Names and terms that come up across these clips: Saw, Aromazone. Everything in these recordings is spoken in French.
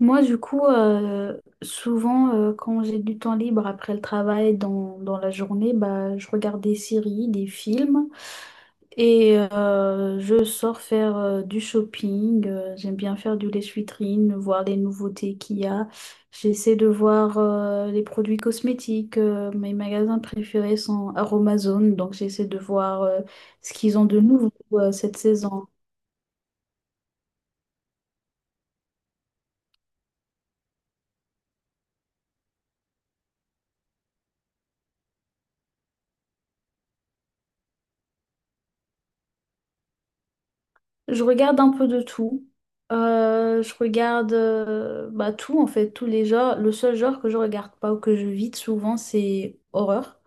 Moi, du coup, souvent, quand j'ai du temps libre après le travail dans la journée, bah, je regarde des séries, des films et je sors faire du shopping. J'aime bien faire du lèche-vitrine, voir les nouveautés qu'il y a. J'essaie de voir les produits cosmétiques. Mes magasins préférés sont Aromazone, donc j'essaie de voir ce qu'ils ont de nouveau cette saison. Je regarde un peu de tout. Je regarde bah, tout, en fait, tous les genres. Le seul genre que je regarde pas ou que je vide souvent, c'est horreur.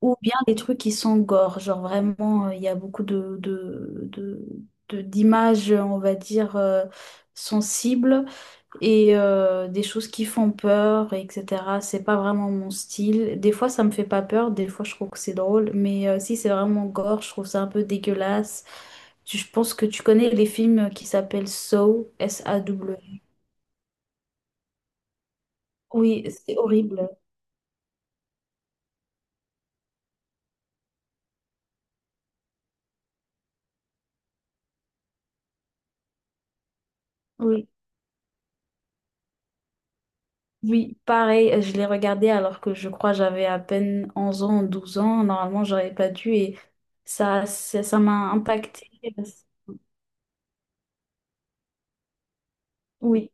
Ou bien les trucs qui sont gore. Genre vraiment, il y a beaucoup d'images, on va dire, sensibles et des choses qui font peur, etc. C'est pas vraiment mon style. Des fois, ça me fait pas peur, des fois, je trouve que c'est drôle, mais si c'est vraiment gore, je trouve ça un peu dégueulasse. Je pense que tu connais les films qui s'appellent Saw, SAW. Oui, c'est horrible. Oui. Oui, pareil, je l'ai regardé alors que je crois j'avais à peine 11 ans, 12 ans. Normalement, j'aurais pas dû et ça m'a impacté. Oui.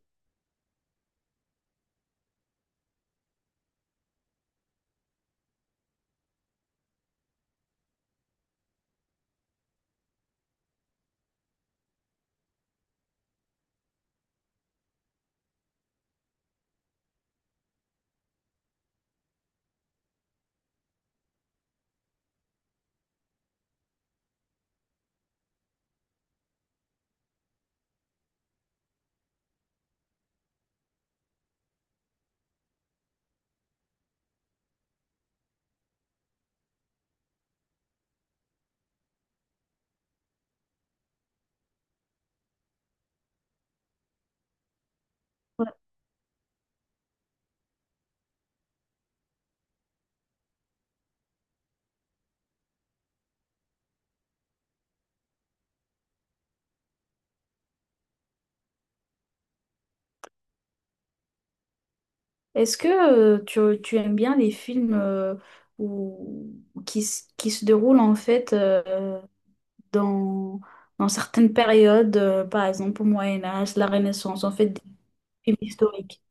Est-ce que tu aimes bien les films où- qui se déroulent en fait dans, dans certaines périodes, par exemple au Moyen Âge, la Renaissance, en fait des films historiques?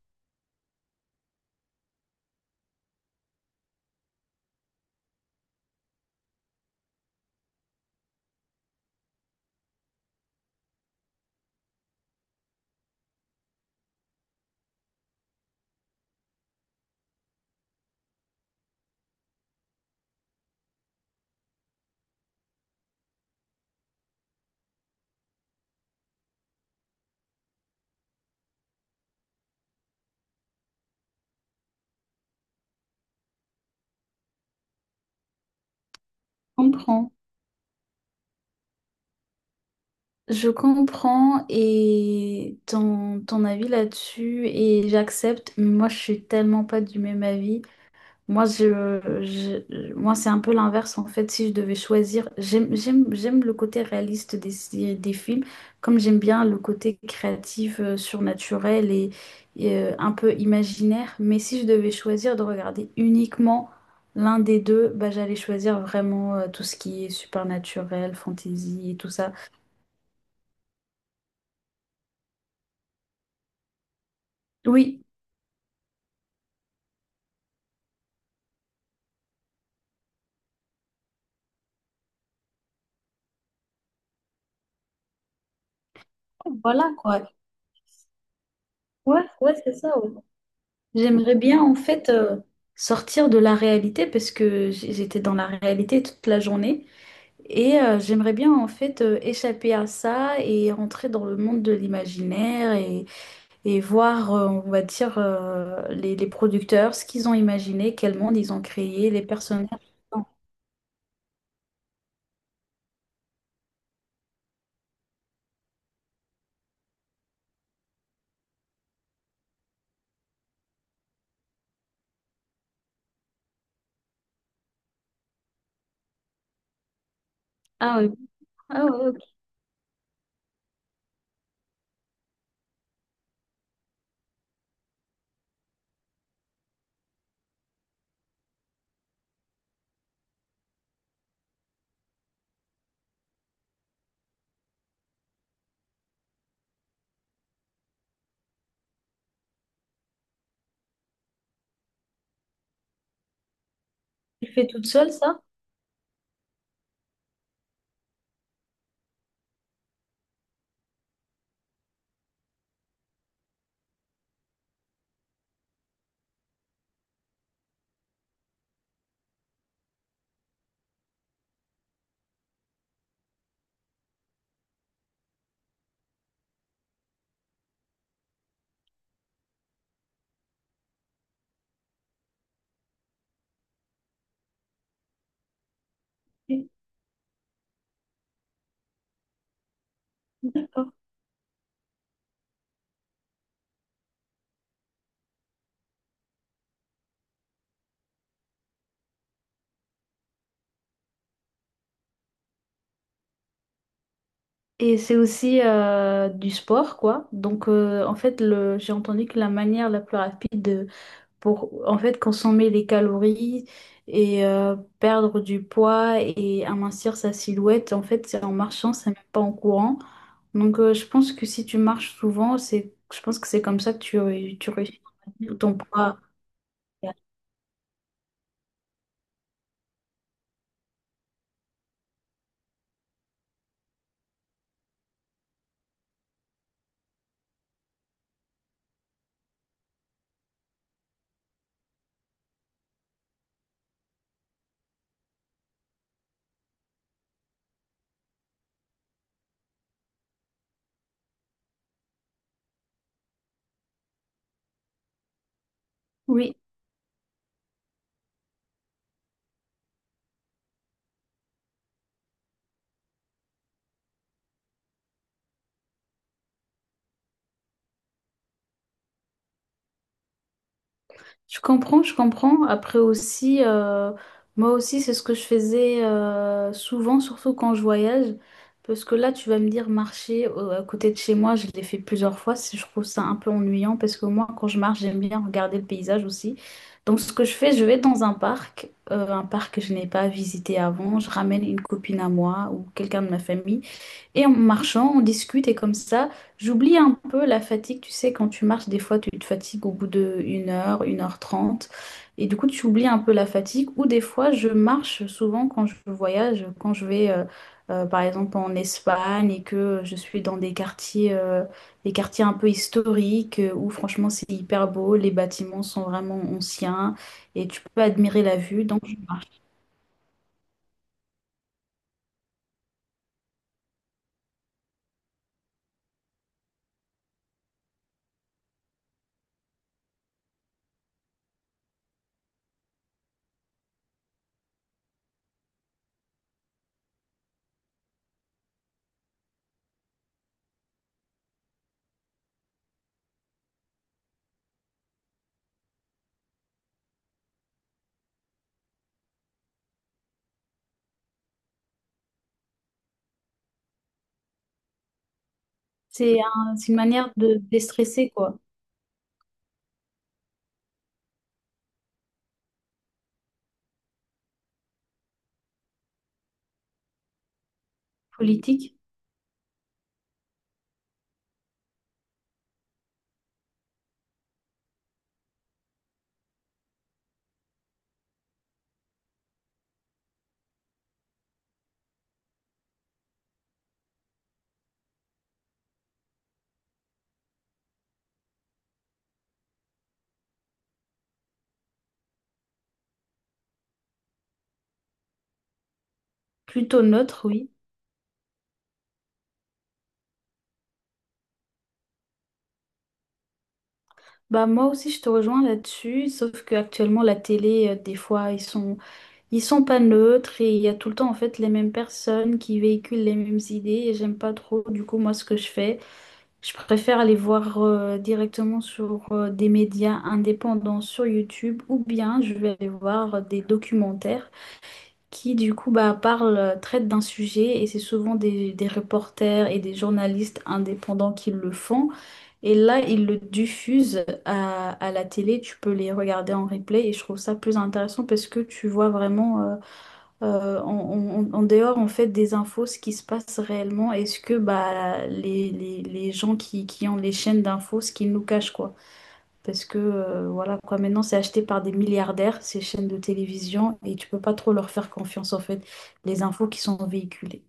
Je comprends. Je comprends et ton avis là-dessus et j'accepte. Moi, je suis tellement pas du même avis. Moi, moi, c'est un peu l'inverse en fait. Si je devais choisir, j'aime le côté réaliste des films, comme j'aime bien le côté créatif, surnaturel et un peu imaginaire. Mais si je devais choisir de regarder uniquement l'un des deux, bah, j'allais choisir vraiment tout ce qui est supernaturel, fantasy et tout ça. Oui, voilà quoi. Ouais, ouais, c'est ça. J'aimerais bien en fait sortir de la réalité parce que j'étais dans la réalité toute la journée et j'aimerais bien en fait échapper à ça et rentrer dans le monde de l'imaginaire et voir, on va dire, les producteurs, ce qu'ils ont imaginé, quel monde ils ont créé, les personnages. Ah oui, ah, ouais, ok. Tu fais toute seule ça? Oui. D'accord. Et c'est aussi du sport, quoi. Donc, en fait, j'ai entendu que la manière la plus rapide pour en fait consommer des calories et perdre du poids et amincir sa silhouette. En fait, c'est en marchant, c'est même pas en courant. Donc, je pense que si tu marches souvent, je pense que c'est comme ça que tu réussis ton poids. Oui. Je comprends, je comprends. Après aussi, moi aussi, c'est ce que je faisais souvent, surtout quand je voyage. Parce que là, tu vas me dire marcher à côté de chez moi, je l'ai fait plusieurs fois. Je trouve ça un peu ennuyant parce que moi, quand je marche, j'aime bien regarder le paysage aussi. Donc, ce que je fais, je vais dans un parc que je n'ai pas visité avant. Je ramène une copine à moi ou quelqu'un de ma famille. Et en marchant, on discute et comme ça, j'oublie un peu la fatigue. Tu sais, quand tu marches, des fois, tu te fatigues au bout de 1 heure, 1h30. Et du coup, tu oublies un peu la fatigue. Ou des fois, je marche souvent quand je voyage, quand je vais, par exemple, en Espagne et que je suis dans des quartiers un peu historiques où franchement, c'est hyper beau. Les bâtiments sont vraiment anciens et tu peux admirer la vue. Donc, je marche. C'est une manière de déstresser, quoi. Politique. Plutôt neutre, oui. Bah moi aussi je te rejoins là-dessus, sauf que actuellement la télé, des fois ils sont pas neutres et il y a tout le temps en fait les mêmes personnes qui véhiculent les mêmes idées et j'aime pas trop du coup moi ce que je fais. Je préfère aller voir directement sur des médias indépendants sur YouTube ou bien je vais aller voir des documentaires qui du coup bah traitent d'un sujet et c'est souvent des reporters et des journalistes indépendants qui le font. Et là, ils le diffusent à la télé, tu peux les regarder en replay et je trouve ça plus intéressant parce que tu vois vraiment euh, en, en dehors en fait des infos ce qui se passe réellement et ce que bah, les gens qui ont les chaînes d'infos, ce qu'ils nous cachent quoi. Parce que voilà quoi, maintenant c'est acheté par des milliardaires, ces chaînes de télévision et tu peux pas trop leur faire confiance en fait, les infos qui sont véhiculées.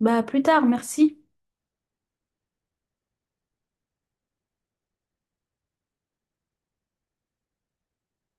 Bah à plus tard, merci.